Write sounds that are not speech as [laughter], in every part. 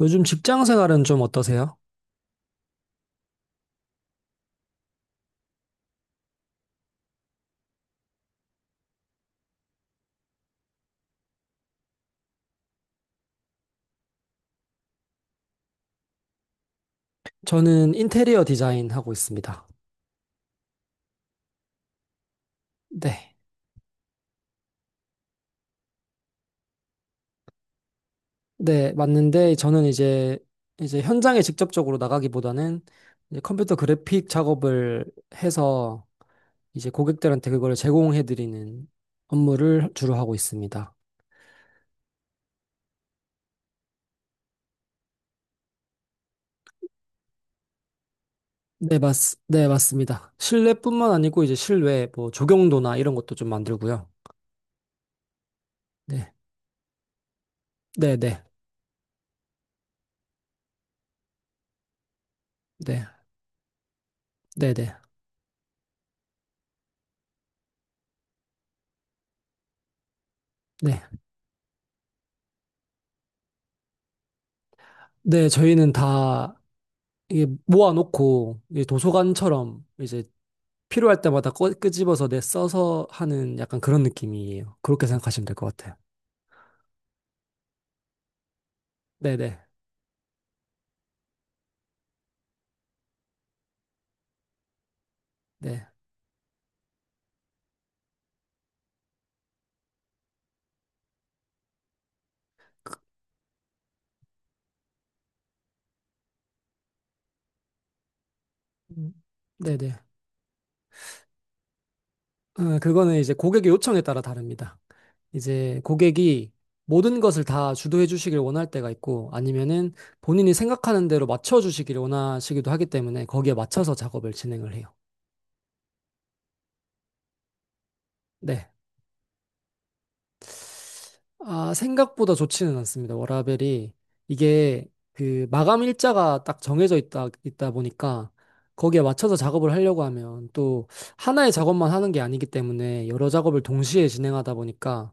요즘 직장 생활은 좀 어떠세요? 저는 인테리어 디자인 하고 있습니다. 네. 네, 맞는데 저는 이제 현장에 직접적으로 나가기보다는 이제 컴퓨터 그래픽 작업을 해서 이제 고객들한테 그걸 제공해 드리는 업무를 주로 하고 있습니다. 네, 맞, 네, 맞습니다. 실내뿐만 아니고 이제 실외 뭐 조경도나 이런 것도 좀 만들고요. 네. 네, 네. 네. 네, 네. 네. 네, 저희는 다 이게 모아놓고 이제 도서관처럼 이제 필요할 때마다 끄집어서 내 써서 하는 약간 그런 느낌이에요. 그렇게 생각하시면 될 것 같아요. 네네. 네. 그- 음, 네네. 그거는 이제 고객의 요청에 따라 다릅니다. 이제 고객이 모든 것을 다 주도해 주시길 원할 때가 있고 아니면은 본인이 생각하는 대로 맞춰 주시길 원하시기도 하기 때문에 거기에 맞춰서 작업을 진행을 해요. 네. 아, 생각보다 좋지는 않습니다. 워라벨이 이게 그 마감 일자가 딱 정해져 있다 보니까 거기에 맞춰서 작업을 하려고 하면 또 하나의 작업만 하는 게 아니기 때문에 여러 작업을 동시에 진행하다 보니까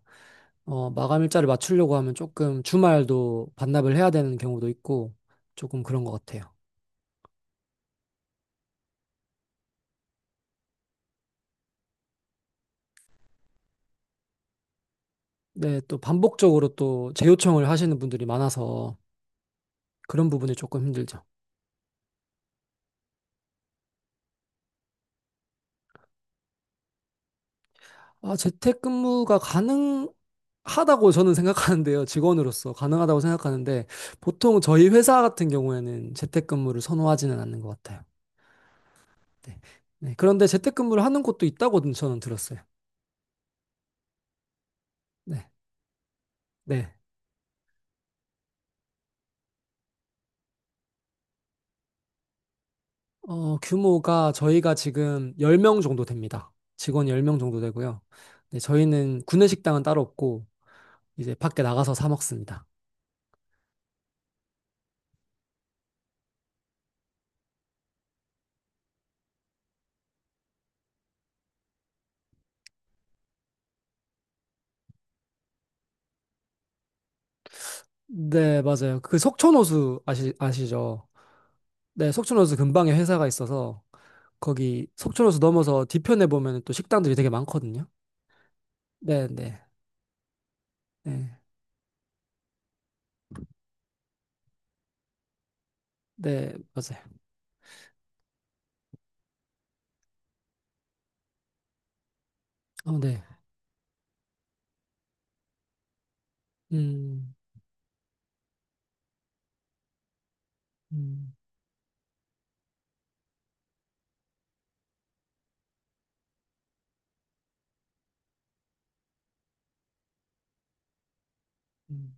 마감 일자를 맞추려고 하면 조금 주말도 반납을 해야 되는 경우도 있고 조금 그런 것 같아요. 네, 또 반복적으로 또 재요청을 하시는 분들이 많아서 그런 부분이 조금 힘들죠. 아, 재택근무가 가능 하다고 저는 생각하는데요. 직원으로서 가능하다고 생각하는데 보통 저희 회사 같은 경우에는 재택근무를 선호하지는 않는 것 같아요. 네. 네. 그런데 재택근무를 하는 곳도 있다고 저는 들었어요. 네. 네. 어, 규모가 저희가 지금 10명 정도 됩니다. 직원 10명 정도 되고요. 네, 저희는 구내식당은 따로 없고 이제 밖에 나가서 사 먹습니다. 네, 맞아요. 그 석촌호수 아시죠? 네, 석촌호수 근방에 회사가 있어서 거기 속초로서 넘어서 뒤편에 보면 또 식당들이 되게 많거든요. 네, 네, 네, 네, 맞아요. 어, 네. 음, 음, 음,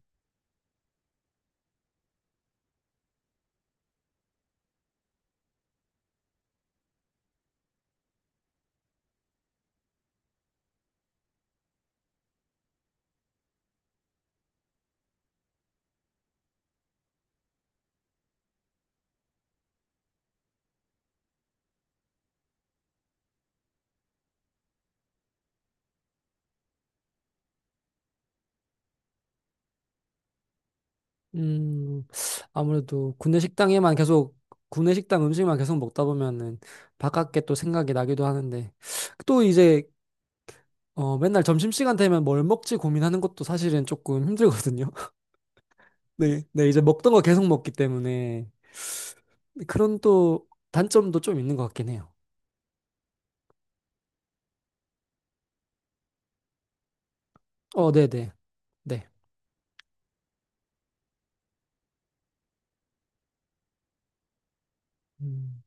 음. 아무래도 군내 식당 음식만 계속 먹다 보면은 바깥게 또 생각이 나기도 하는데 또 이제 맨날 점심시간 되면 뭘 먹지 고민하는 것도 사실은 조금 힘들거든요. [laughs] 네, 네, 이제 먹던 거 계속 먹기 때문에 그런 또 단점도 좀 있는 것 같긴 해요. 어, 네, 네, 네. 음.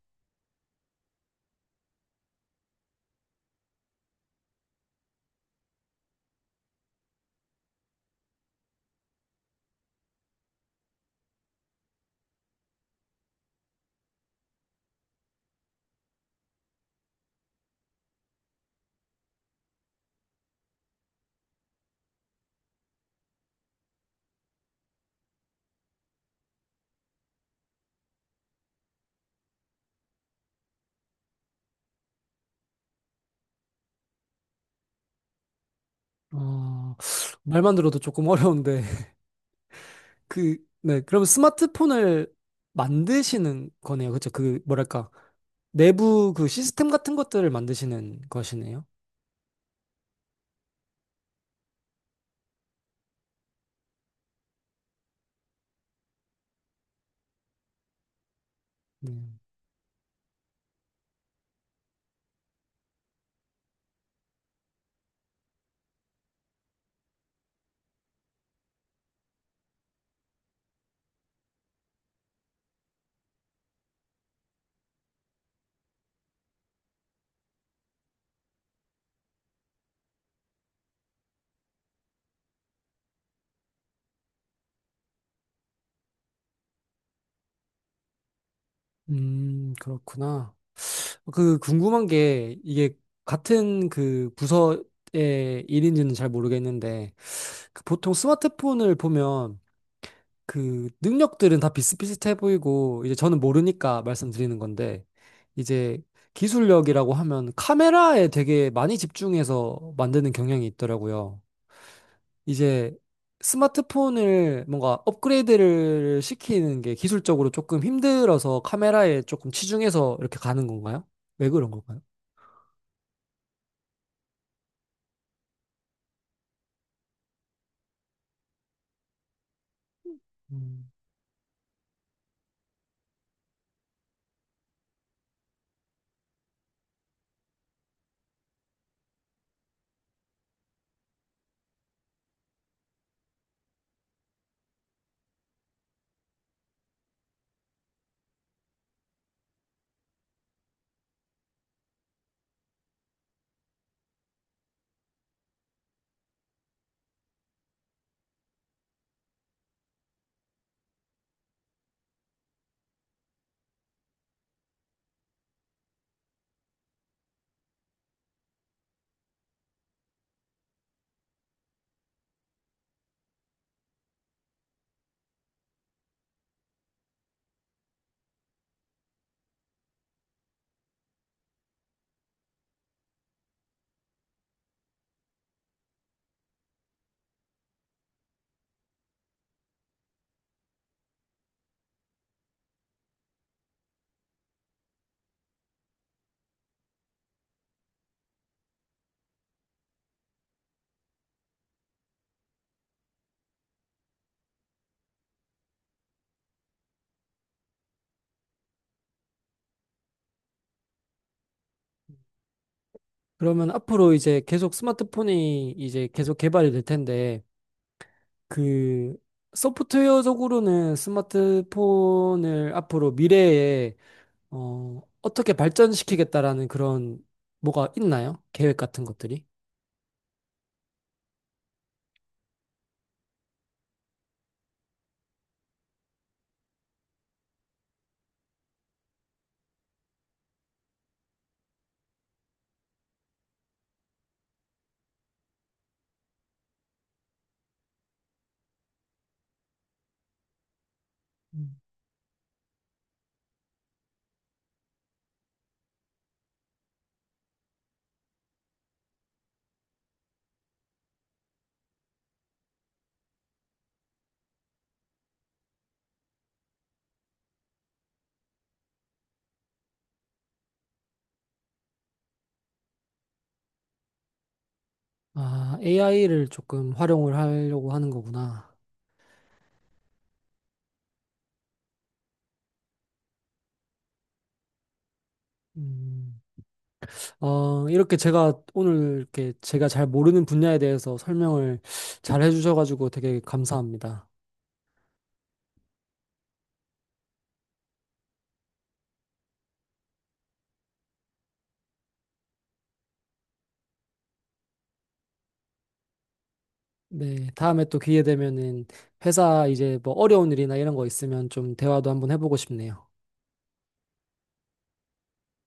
어, 말만 들어도 조금 어려운데. [laughs] 그, 네. 그럼 스마트폰을 만드시는 거네요. 그쵸? 그, 뭐랄까. 내부 그 시스템 같은 것들을 만드시는 것이네요. 음, 그렇구나. 그 궁금한 게 이게 같은 그 부서의 일인지는 잘 모르겠는데 그 보통 스마트폰을 보면 그 능력들은 다 비슷비슷해 보이고 이제 저는 모르니까 말씀드리는 건데 이제 기술력이라고 하면 카메라에 되게 많이 집중해서 만드는 경향이 있더라고요. 이제 스마트폰을 뭔가 업그레이드를 시키는 게 기술적으로 조금 힘들어서 카메라에 조금 치중해서 이렇게 가는 건가요? 왜 그런 걸까요? 음. 그러면 앞으로 이제 계속 스마트폰이 이제 계속 개발이 될 텐데 그 소프트웨어적으로는 스마트폰을 앞으로 미래에 어떻게 발전시키겠다라는 그런 뭐가 있나요? 계획 같은 것들이? 아, AI를 조금 활용을 하려고 하는 거구나. 음, 어, 이렇게 제가 오늘 이렇게 제가 잘 모르는 분야에 대해서 설명을 잘 해주셔가지고 되게 감사합니다. 네, 다음에 또 기회 되면은 회사 이제 뭐 어려운 일이나 이런 거 있으면 좀 대화도 한번 해보고 싶네요.